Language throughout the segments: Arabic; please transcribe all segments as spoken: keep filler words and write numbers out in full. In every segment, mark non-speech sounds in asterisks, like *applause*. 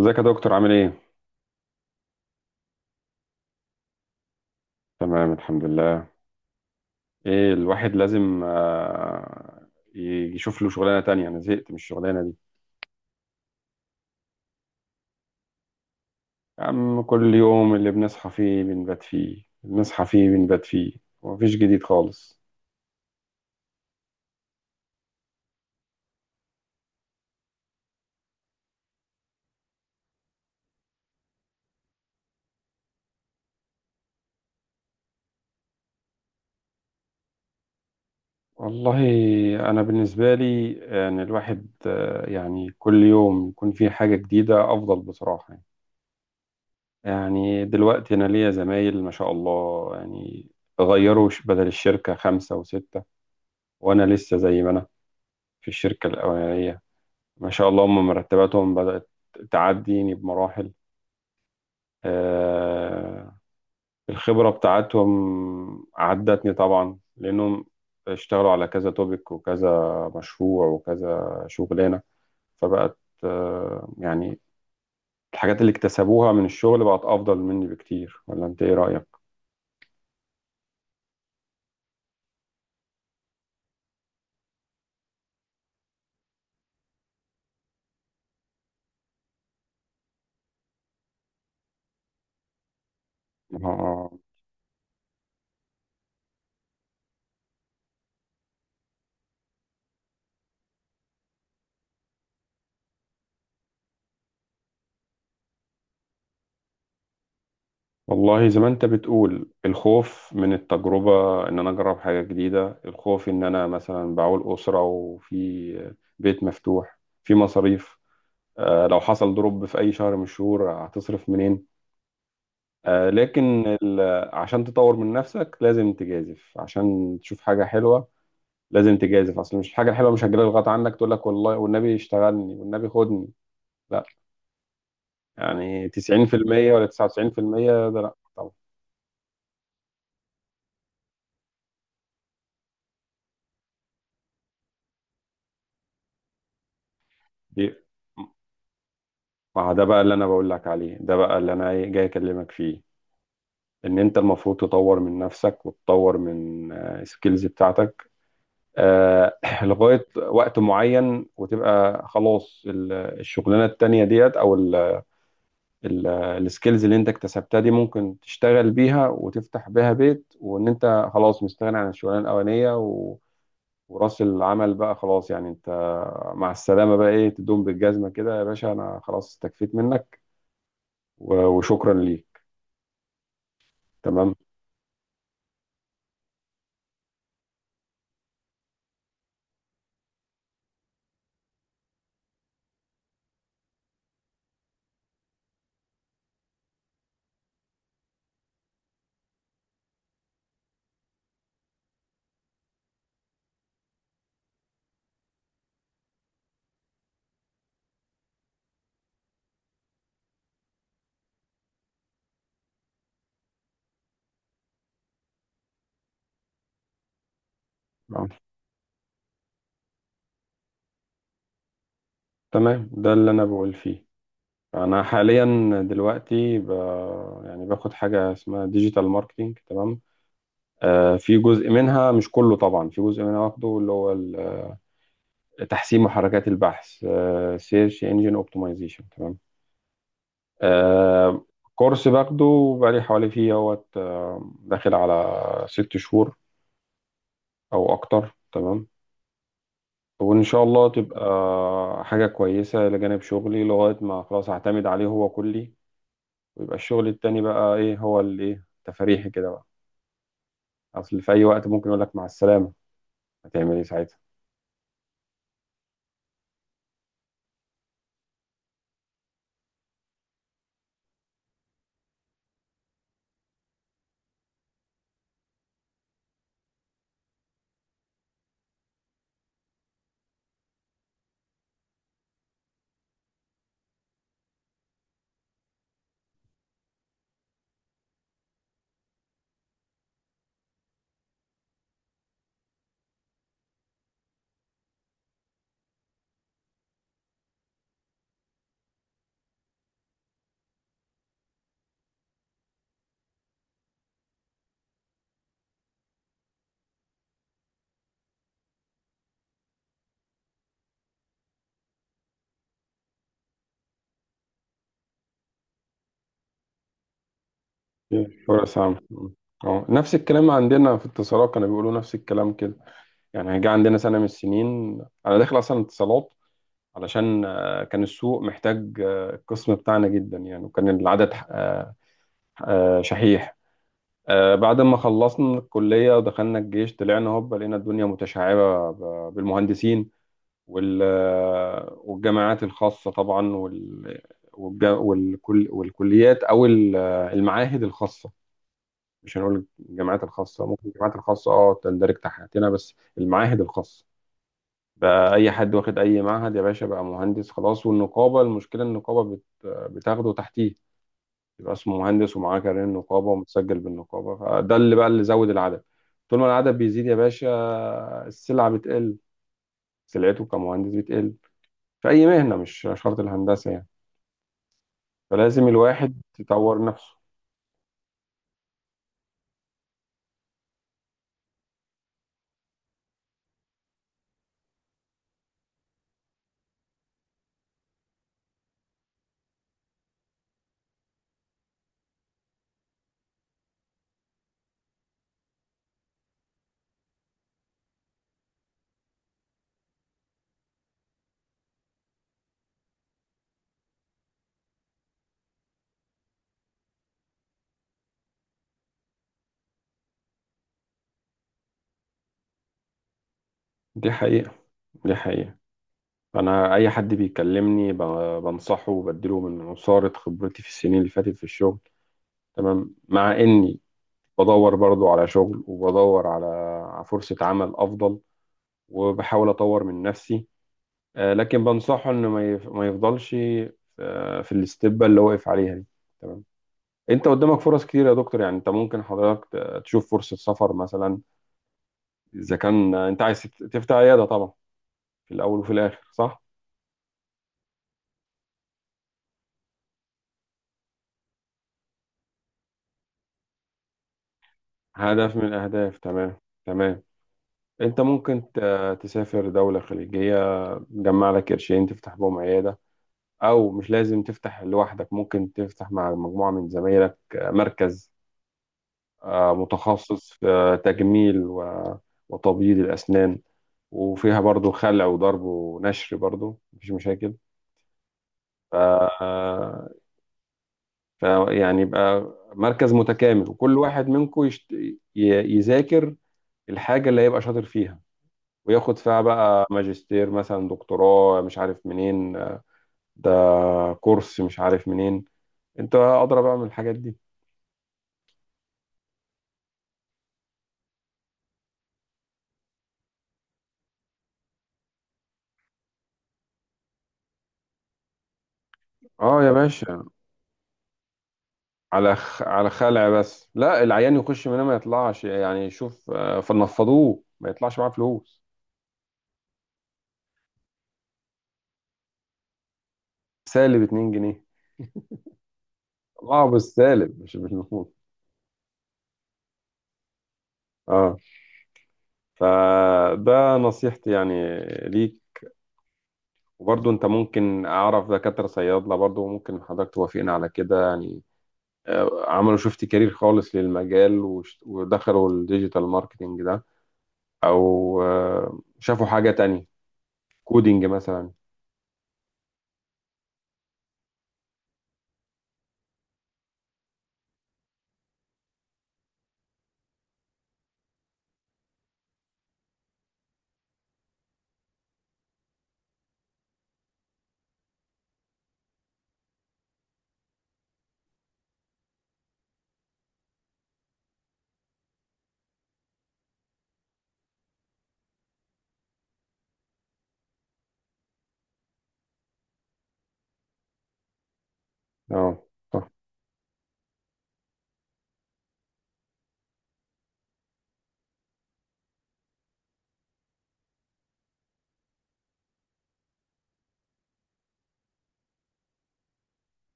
ازيك يا دكتور عامل ايه؟ تمام الحمد لله. ايه الواحد لازم آه، يشوف له شغلانة تانية. انا زهقت من الشغلانة دي. يا عم كل يوم اللي بنصحى فيه بنبات فيه بنصحى فيه بنبات فيه، ومفيش جديد خالص. والله انا بالنسبة لي، ان الواحد آه، يعني كل يوم يكون فيه حاجة جديدة افضل بصراحة يعني. يعني دلوقتي انا ليا زمايل ما شاء الله يعني، غيروا ش- بدل الشركة خمسة وستة، وانا لسه زي ما انا في الشركة الأولانية. ما شاء الله هم مرتباتهم بدأت تعديني بمراحل. آه، الخبرة بتاعتهم عدتني طبعا، لأنهم اشتغلوا على كذا توبيك وكذا مشروع وكذا شغلانة، فبقت آه، يعني الحاجات اللي اكتسبوها من الشغل بقت أفضل مني بكتير. ولا أنت إيه رأيك؟ آه، والله زي ما انت بتقول، الخوف من التجربة ان انا اجرب حاجة جديدة، الخوف ان انا مثلا بعول اسرة، وفي بيت مفتوح، في مصاريف. آه، لو حصل ضرب في اي شهر من الشهور هتصرف منين؟ آه، لكن ال- عشان تطور من نفسك لازم تجازف، عشان تشوف حاجة حلوة. لازم تجازف، اصل مش الحاجة الحلوة مش هتجيلك غصب عنك تقول لك والله والنبي اشتغلني والنبي خدني. لا. يعني تسعين في المية ولا تسعة وتسعين بالمية؟ ده لا. طبعا. ما ده بقى اللي انا بقول لك عليه، ده بقى اللي انا إيه جاي اكلمك فيه، ان انت المفروض تطور من نفسك وتطور من السكيلز بتاعتك. آه، *clears throat* لغاية وقت معين، وتبقى خلاص ال- الشغلانة التانية ديت، او السكيلز اللي انت اكتسبتها دي ممكن تشتغل بيها وتفتح بيها بيت، وان انت خلاص مستغني عن الشغلانة الاولانية و- وراس العمل بقى خلاص يعني. انت مع السلامة بقى ايه، تدوم بالجزمة كده يا باشا، انا خلاص استكفيت منك و- وشكرا ليك. تمام. آه، تمام ده اللي انا بقول فيه. انا حاليا دلوقتي ب... يعني باخد حاجه اسمها ديجيتال ماركتنج، تمام. آه في جزء منها مش كله طبعا، في جزء منها واخده اللي هو ال- تحسين محركات البحث، سيرش انجن اوبتمايزيشن، تمام. آه كورس باخده بقالي حوالي فيه اهوت آه، داخل على ست شهور او اكتر، تمام. وان شاء الله تبقى حاجه كويسه لجانب شغلي، لغايه ما خلاص هعتمد عليه هو كلي، ويبقى الشغل التاني بقى ايه هو اللي ايه تفريحي كده بقى. اصل في اي وقت ممكن يقول لك مع السلامه، هتعمل ايه ساعتها؟ إيه، فرص عامه. اه نفس الكلام عندنا في اتصالات، كانوا بيقولوا نفس الكلام كده يعني. جه عندنا سنه من السنين انا داخل اصلا اتصالات، علشان آه، كان السوق محتاج آه، القسم بتاعنا جدا يعني، وكان العدد آه، آه، شحيح. آه، بعد ما خلصنا الكليه ودخلنا الجيش، طلعنا هوب لقينا الدنيا متشعبه ب- بالمهندسين وال والجامعات الخاصة طبعا، وال والج- والكل والكليات أو ال- المعاهد الخاصة. مش هنقول الجامعات الخاصة، ممكن الجامعات الخاصة اه تندرج تحتنا، بس المعاهد الخاصة بقى أي حد واخد أي معهد يا باشا بقى مهندس خلاص. والنقابة، المشكلة النقابة بت... بتاخده تحتيه، يبقى اسمه مهندس ومعاه كارنيه النقابة، ومتسجل بالنقابة، فده اللي بقى اللي زود العدد. طول ما العدد بيزيد يا باشا السلعة بتقل، سلعته كمهندس بتقل. في أي مهنة، مش شرط الهندسة يعني، فلازم الواحد يطور نفسه. دي حقيقة، دي حقيقة. أنا أي حد بيكلمني ب- بنصحه وبديله من عصارة خبرتي في السنين اللي فاتت في الشغل. تمام. مع إني بدور برضو على شغل، وبدور على على فرصة عمل أفضل، وبحاول أطور من نفسي. آه، لكن بنصحه إنه ما يف- ما يفضلش آه، في الاستبة اللي واقف عليها دي. تمام. أنت قدامك فرص كتير يا دكتور يعني. أنت ممكن حضرتك ت- تشوف فرصة سفر مثلا، إذا كان أنت عايز تت- تفتح عيادة طبعا، في الأول وفي الآخر، صح؟ هدف من الأهداف، تمام. تمام. أنت ممكن ت- تسافر دولة خليجية، تجمع لك قرشين تفتح بهم عيادة. أو مش لازم تفتح لوحدك، ممكن تفتح مع مجموعة من زمايلك آه، مركز آه، متخصص في آه، تجميل و- وتبييض الأسنان، وفيها برضو خلع وضرب ونشر برضو مفيش مشاكل. ف فيعني يبقى مركز متكامل، وكل واحد منكم يشت... ي- يذاكر الحاجة اللي هيبقى شاطر فيها، وياخد فيها بقى ماجستير مثلا، دكتوراه مش عارف منين، ده كورس مش عارف منين، انت اضرب بقى من الحاجات دي. اه يا باشا، على خ... على خلع بس؟ لا، العيان يخش منها ما يطلعش يعني، شوف آه، فنفضوه ما يطلعش معاه فلوس. سالب اتنين جنيه. طلعه بالسالب مش بالنقود. اه. فده نصيحتي يعني ليك. وبرضه انت ممكن، اعرف دكاترة صيادلة برضه، ممكن حضرتك توافقنا على كده يعني، آه، عملوا شفت كارير خالص للمجال، وش- ودخلوا الديجيتال ماركتينج ده، او آه، شافوا حاجة تانية، كودينج مثلا. اه. صح.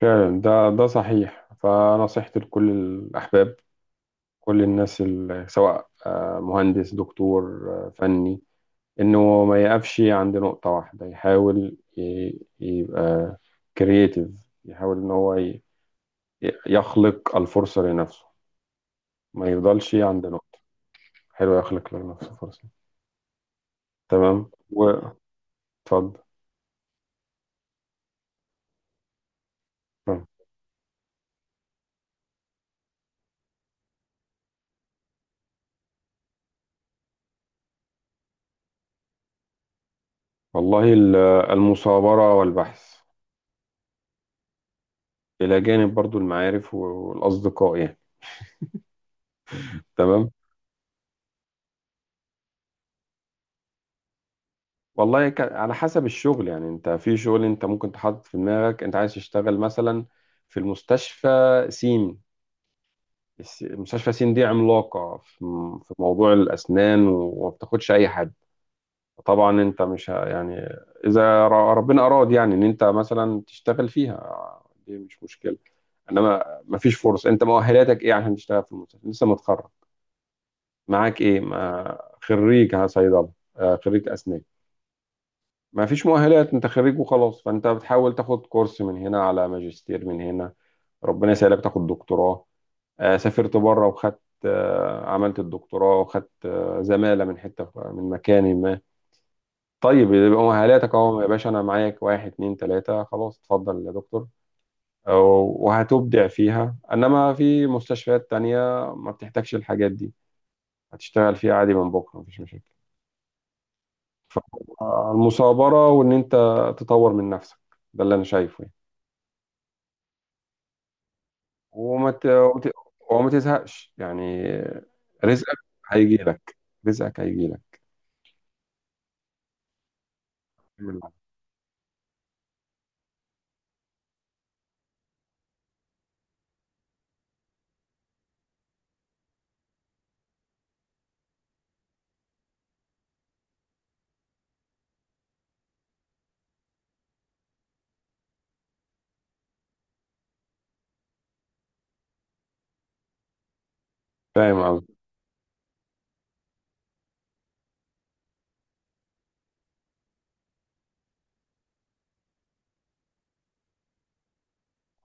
فعلا ده ده صحيح. فنصيحتي لكل الاحباب كل الناس، ال- سواء آه، مهندس، دكتور، آه، فني، انه ما يقفش عند نقطة واحدة، يحاول ي- يبقى كرييتيف. يحاول ان هو ي- يخلق الفرصة لنفسه، ما يفضلش عند نقطة. حلو يخلق لنفسه فرصة، تمام. واتفضل. تمام. والله ال- المثابرة والبحث، إلى جانب برضو المعارف والأصدقاء يعني، تمام. والله ك- على حسب الشغل يعني، أنت في شغل أنت ممكن تحط في دماغك أنت عايز تشتغل مثلا في المستشفى سين. الس- مستشفى سين دي عملاقة في م- في موضوع الأسنان، وما بتاخدش أي حد. طبعا انت مش ه- يعني اذا ر- ربنا اراد يعني ان انت مثلا تشتغل فيها دي مش مشكله. انما ما فيش فرص، انت مؤهلاتك ايه عشان تشتغل في المستشفى لسه متخرج، معاك ايه؟ ما خريج صيدله، آه، خريج اسنان. ما فيش مؤهلات، انت خريج وخلاص، فانت بتحاول تاخد كورس من هنا، على ماجستير من هنا، ربنا يسهلك تاخد دكتوراه. آه، سافرت بره وخدت آه، عملت الدكتوراه وخدت آه، زماله من حته من مكان ما، طيب يبقى مهالاتك اهو يا باشا، انا معاك واحد اتنين تلاتة خلاص، اتفضل يا دكتور. أو- وهتبدع فيها. انما في مستشفيات تانية ما بتحتاجش الحاجات دي، هتشتغل فيها عادي من بكرة مفيش مشاكل. فالمثابرة، وان انت تطور من نفسك، ده اللي انا شايفه يعني. وما ت... وت- وما تزهقش يعني. رزقك هيجي لك، رزقك هيجي لك. فاهم قصدي.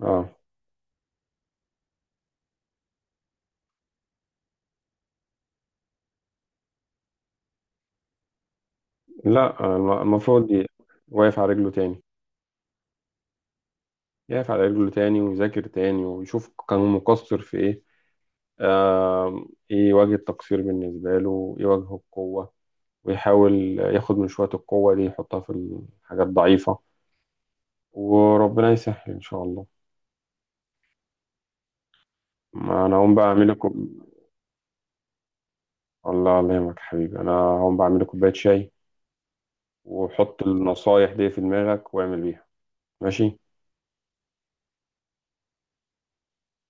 اه. لا الم- المفروض دي واقف على رجله تاني. يقف على رجله تاني، ويذاكر تاني، ويشوف كان مقصر في ايه. آم، ايه وجه التقصير بالنسبة له، ايه وجه القوة، ويحاول ياخد من شوية القوة دي يحطها في الحاجات الضعيفة، وربنا يسهل ان شاء الله. ما انا هقوم بقى اعمل لكم. الله، الله يهمك يا حبيبي، انا هقوم بعمل لكم كوباية شاي، وحط النصايح دي في دماغك واعمل بيها. ماشي.